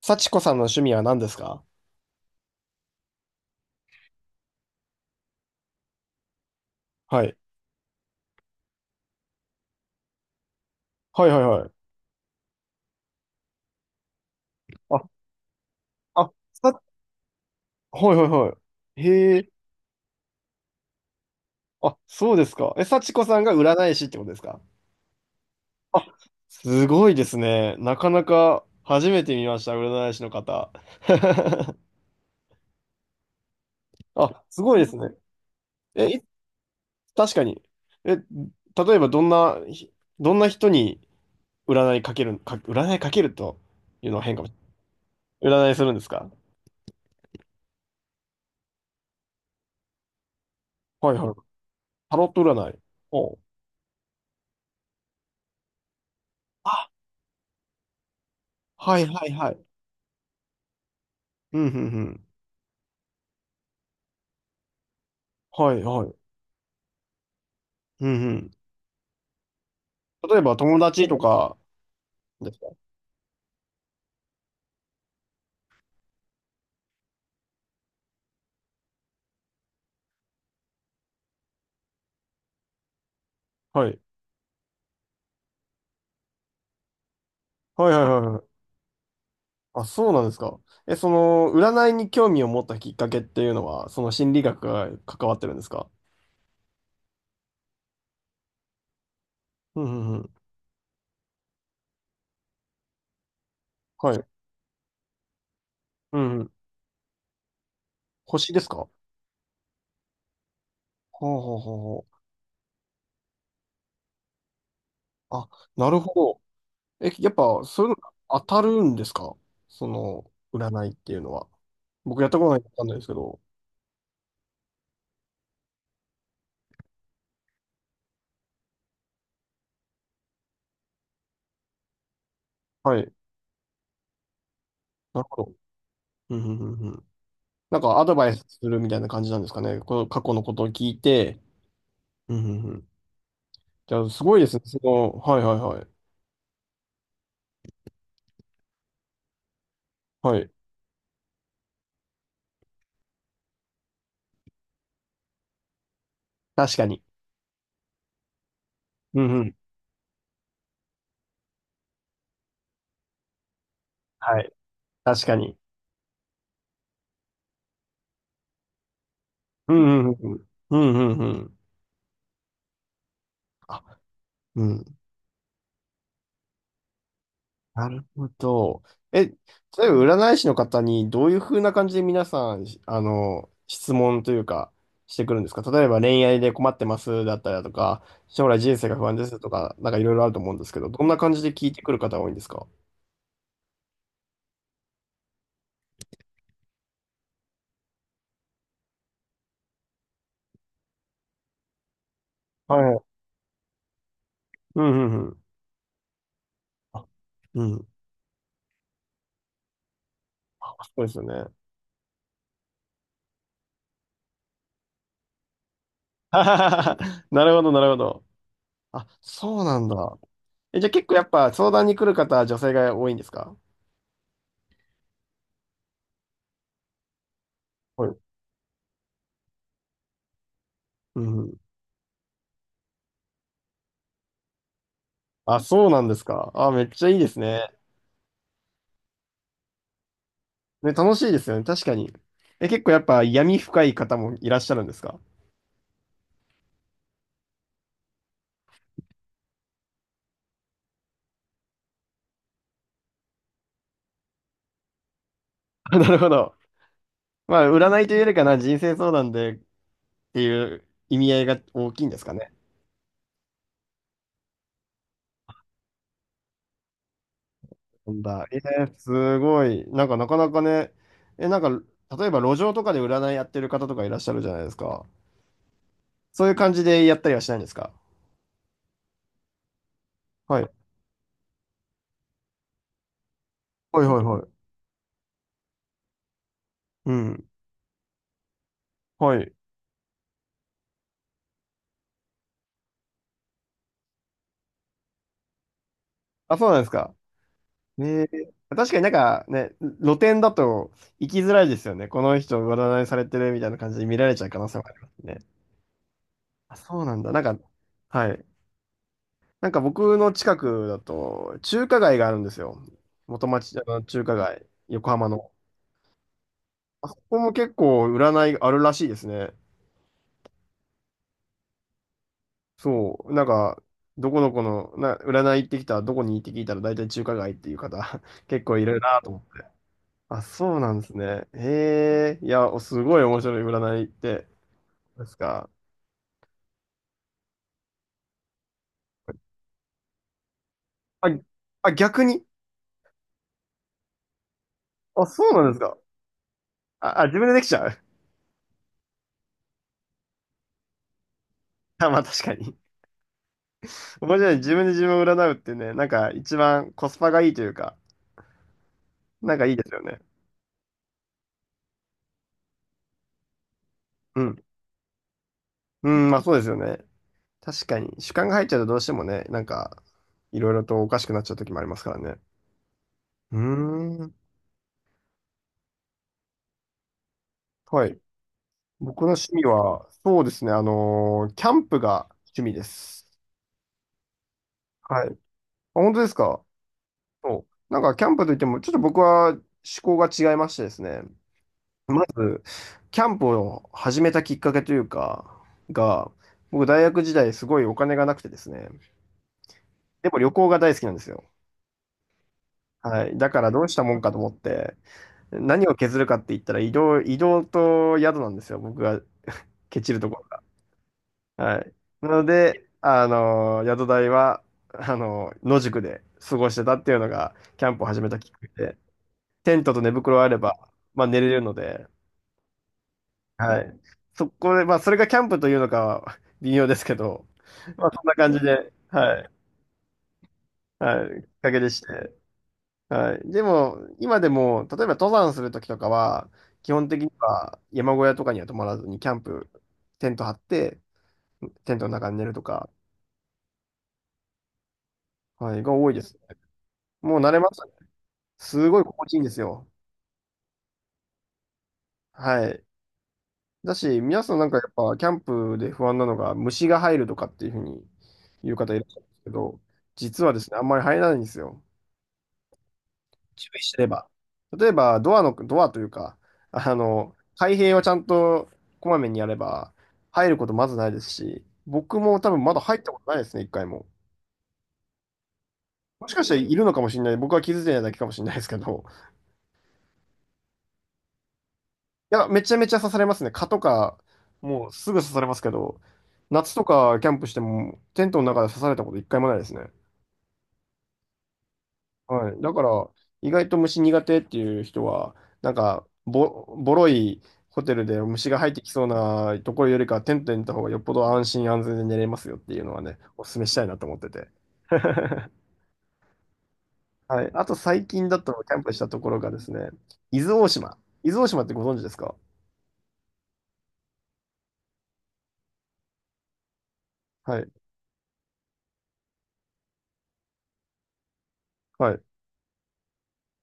幸子さんの趣味は何ですか？はい。はいはいはい。あ、あ、はいはいはい。へえ。あ、そうですか。え、幸子さんが占い師ってことですか？あ、すごいですね。なかなか初めて見ました、占い師の方。あ、すごいですね。え、確かに。え、例えばどんな、どんな人に占いかけるというのは変かもしれない。占いするんですか？はいはい。タロット占い。おうあ、はいはいはい。うん、うん、うん。はい、はい。うん、うん。例えば、友達とかですか？はい。はい、はい、はいはい。あ、そうなんですか。え、その、占いに興味を持ったきっかけっていうのは、その心理学が関わってるんですか？うん、うん、うん。はい。うん、うん。星ですか？ほうほうほうほう。あ、なるほど。え、やっぱ、そういうの当たるんですか？その、占いっていうのは。僕やったことないんでわかんないですけど。はい。なるほど。うん、うん、うん、うん。なんかアドバイスするみたいな感じなんですかね。この過去のことを聞いて。うんうんうん。じゃあ、すごいですね。はいはいはい。はい。確かに。うんうん。はい。確かに。うんうんうんうん。うんうんあ、うん。なるほど。え、例えば占い師の方にどういう風な感じで皆さん、質問というか、してくるんですか？例えば恋愛で困ってますだったりだとか、将来人生が不安ですとか、なんかいろいろあると思うんですけど、どんな感じで聞いてくる方が多いんですか？はい。うんうんうん。あ、うん。あ、そうですよね。なるほど、なるほど。あ、そうなんだ。え、じゃあ結構やっぱ相談に来る方は女性が多いんですか？はい。うん。あ、そうなんですか。あ、めっちゃいいですね。ね、楽しいですよね。確かに。え、結構やっぱ闇深い方もいらっしゃるんですか？あ なるほど。まあ、占いというよりかな、人生相談でっていう意味合いが大きいんですかね。なんだ。すごい。なんかなかなかね、なんか、例えば路上とかで占いやってる方とかいらっしゃるじゃないですか。そういう感じでやったりはしないんですか？はい。はいはいはい。うん。はい。あ、そうなんですか。えー、確かになんかね、露店だと行きづらいですよね。この人占いされてるみたいな感じで見られちゃう可能性もありますね。あ、そうなんだ。なんか、はい。なんか僕の近くだと中華街があるんですよ。元町、あの中華街、横浜の。あそこも結構占いあるらしいですね。そう、なんか、どこどこの、占い行ってきた、どこに行って聞いたら大体中華街っていう方、結構いるなと思って。あ、そうなんですね。へえ、いや、おすごい面白い占いって、ですか？あ、あ、逆に。あ、そうなんですか。あ、あ、自分でできちゃう。あ、まあ確かに。面白い。自分で自分を占うってね、なんか一番コスパがいいというか、なんかいいですよね。うん。うん、まあそうですよね。確かに。主観が入っちゃうとどうしてもね、なんか、いろいろとおかしくなっちゃう時もありますからね。うーん。はい。僕の趣味は、そうですね、キャンプが趣味です。はい。あ、本当ですか？そう。なんか、キャンプといっても、ちょっと僕は思考が違いましてですね、まず、キャンプを始めたきっかけというか、が、僕、大学時代、すごいお金がなくてですね、でも旅行が大好きなんですよ。はい。だから、どうしたもんかと思って、何を削るかって言ったら、移動と宿なんですよ、僕がケチるところ。はい。なので、宿題は、野宿で過ごしてたっていうのが、キャンプを始めたきっかけで、テントと寝袋あれば、まあ寝れるので、はい。そこで、まあそれがキャンプというのかは微妙ですけど、まあそんな感じで、はい。はい。きっかけでして。はい。でも、今でも、例えば登山するときとかは、基本的には山小屋とかには泊まらずに、キャンプ、テント張って、テントの中に寝るとか、はい、が多いです。もう慣れました。すごい心地いいんですよ。はい。だし、皆さんなんかやっぱキャンプで不安なのが虫が入るとかっていうふうに言う方いらっしゃるんですけど、実はですね、あんまり入らないんですよ。注意すれば。例えば、ドアというか、開閉をちゃんとこまめにやれば、入ることまずないですし、僕も多分まだ入ったことないですね、一回も。もしかしたらいるのかもしれない。僕は気づいてないだけかもしれないですけど、いや、めちゃめちゃ刺されますね。蚊とか、もうすぐ刺されますけど、夏とかキャンプしても、テントの中で刺されたこと一回もないですね。はい。だから、意外と虫苦手っていう人は、なんか、ボロいホテルで虫が入ってきそうなところよりか、テントに行った方がよっぽど安心安全で寝れますよっていうのはね、お勧めしたいなと思ってて。はい。あと最近だと、キャンプしたところがですね、伊豆大島。伊豆大島ってご存知ですか？はい。はい。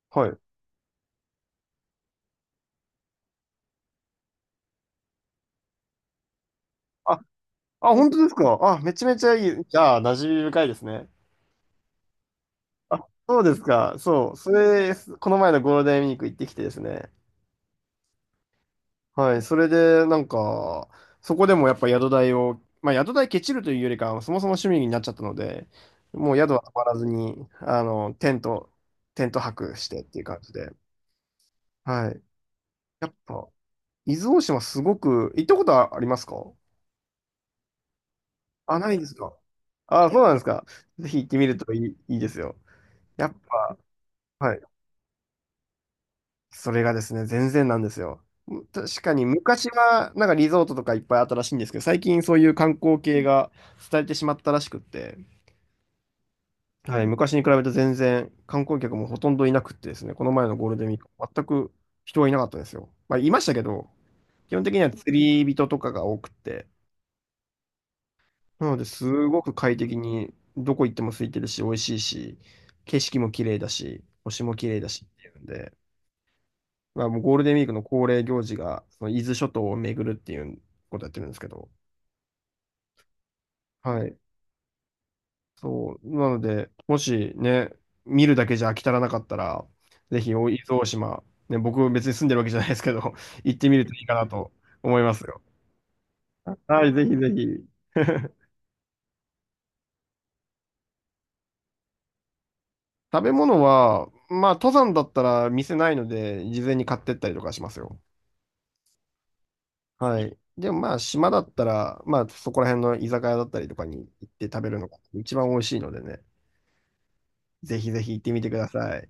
はい。あ、本当ですか？あ、めちゃめちゃいい。じゃあ、馴染み深いですね。あ、そうですか。そう。それ、この前のゴールデンウィーク行ってきてですね。はい。それで、なんか、そこでもやっぱ宿代を、まあ、宿代ケチるというよりかは、そもそも趣味になっちゃったので、もう宿は泊まらずに、テント泊してっていう感じで。はい。やっぱ、伊豆大島すごく、行ったことはありますか？あ、ないですか？あ、そうなんですか。ぜひ行ってみるといいですよ。やっぱ、はい、それがですね、全然なんですよ。確かに昔はなんかリゾートとかいっぱいあったらしいんですけど、最近そういう観光系が伝えてしまったらしくって、はい、昔に比べて全然観光客もほとんどいなくってですね、この前のゴールデンウィーク、全く人はいなかったですよ。まあ、いましたけど、基本的には釣り人とかが多くて、なのですごく快適にどこ行っても空いてるし、美味しいし、景色も綺麗だし、星も綺麗だしっていうんで、まあ、もうゴールデンウィークの恒例行事が、その伊豆諸島を巡るっていうことやってるんですけど、はい。そう。なので、もしね、見るだけじゃ飽き足らなかったら、ぜひ、お伊豆大島、ね、僕別に住んでるわけじゃないですけど、行ってみるといいかなと思いますよ。はい、ぜひぜひ。食べ物は、まあ、登山だったら店ないので、事前に買ってったりとかしますよ。はい。でもまあ、島だったら、まあ、そこら辺の居酒屋だったりとかに行って食べるのが一番美味しいのでね。ぜひぜひ行ってみてください。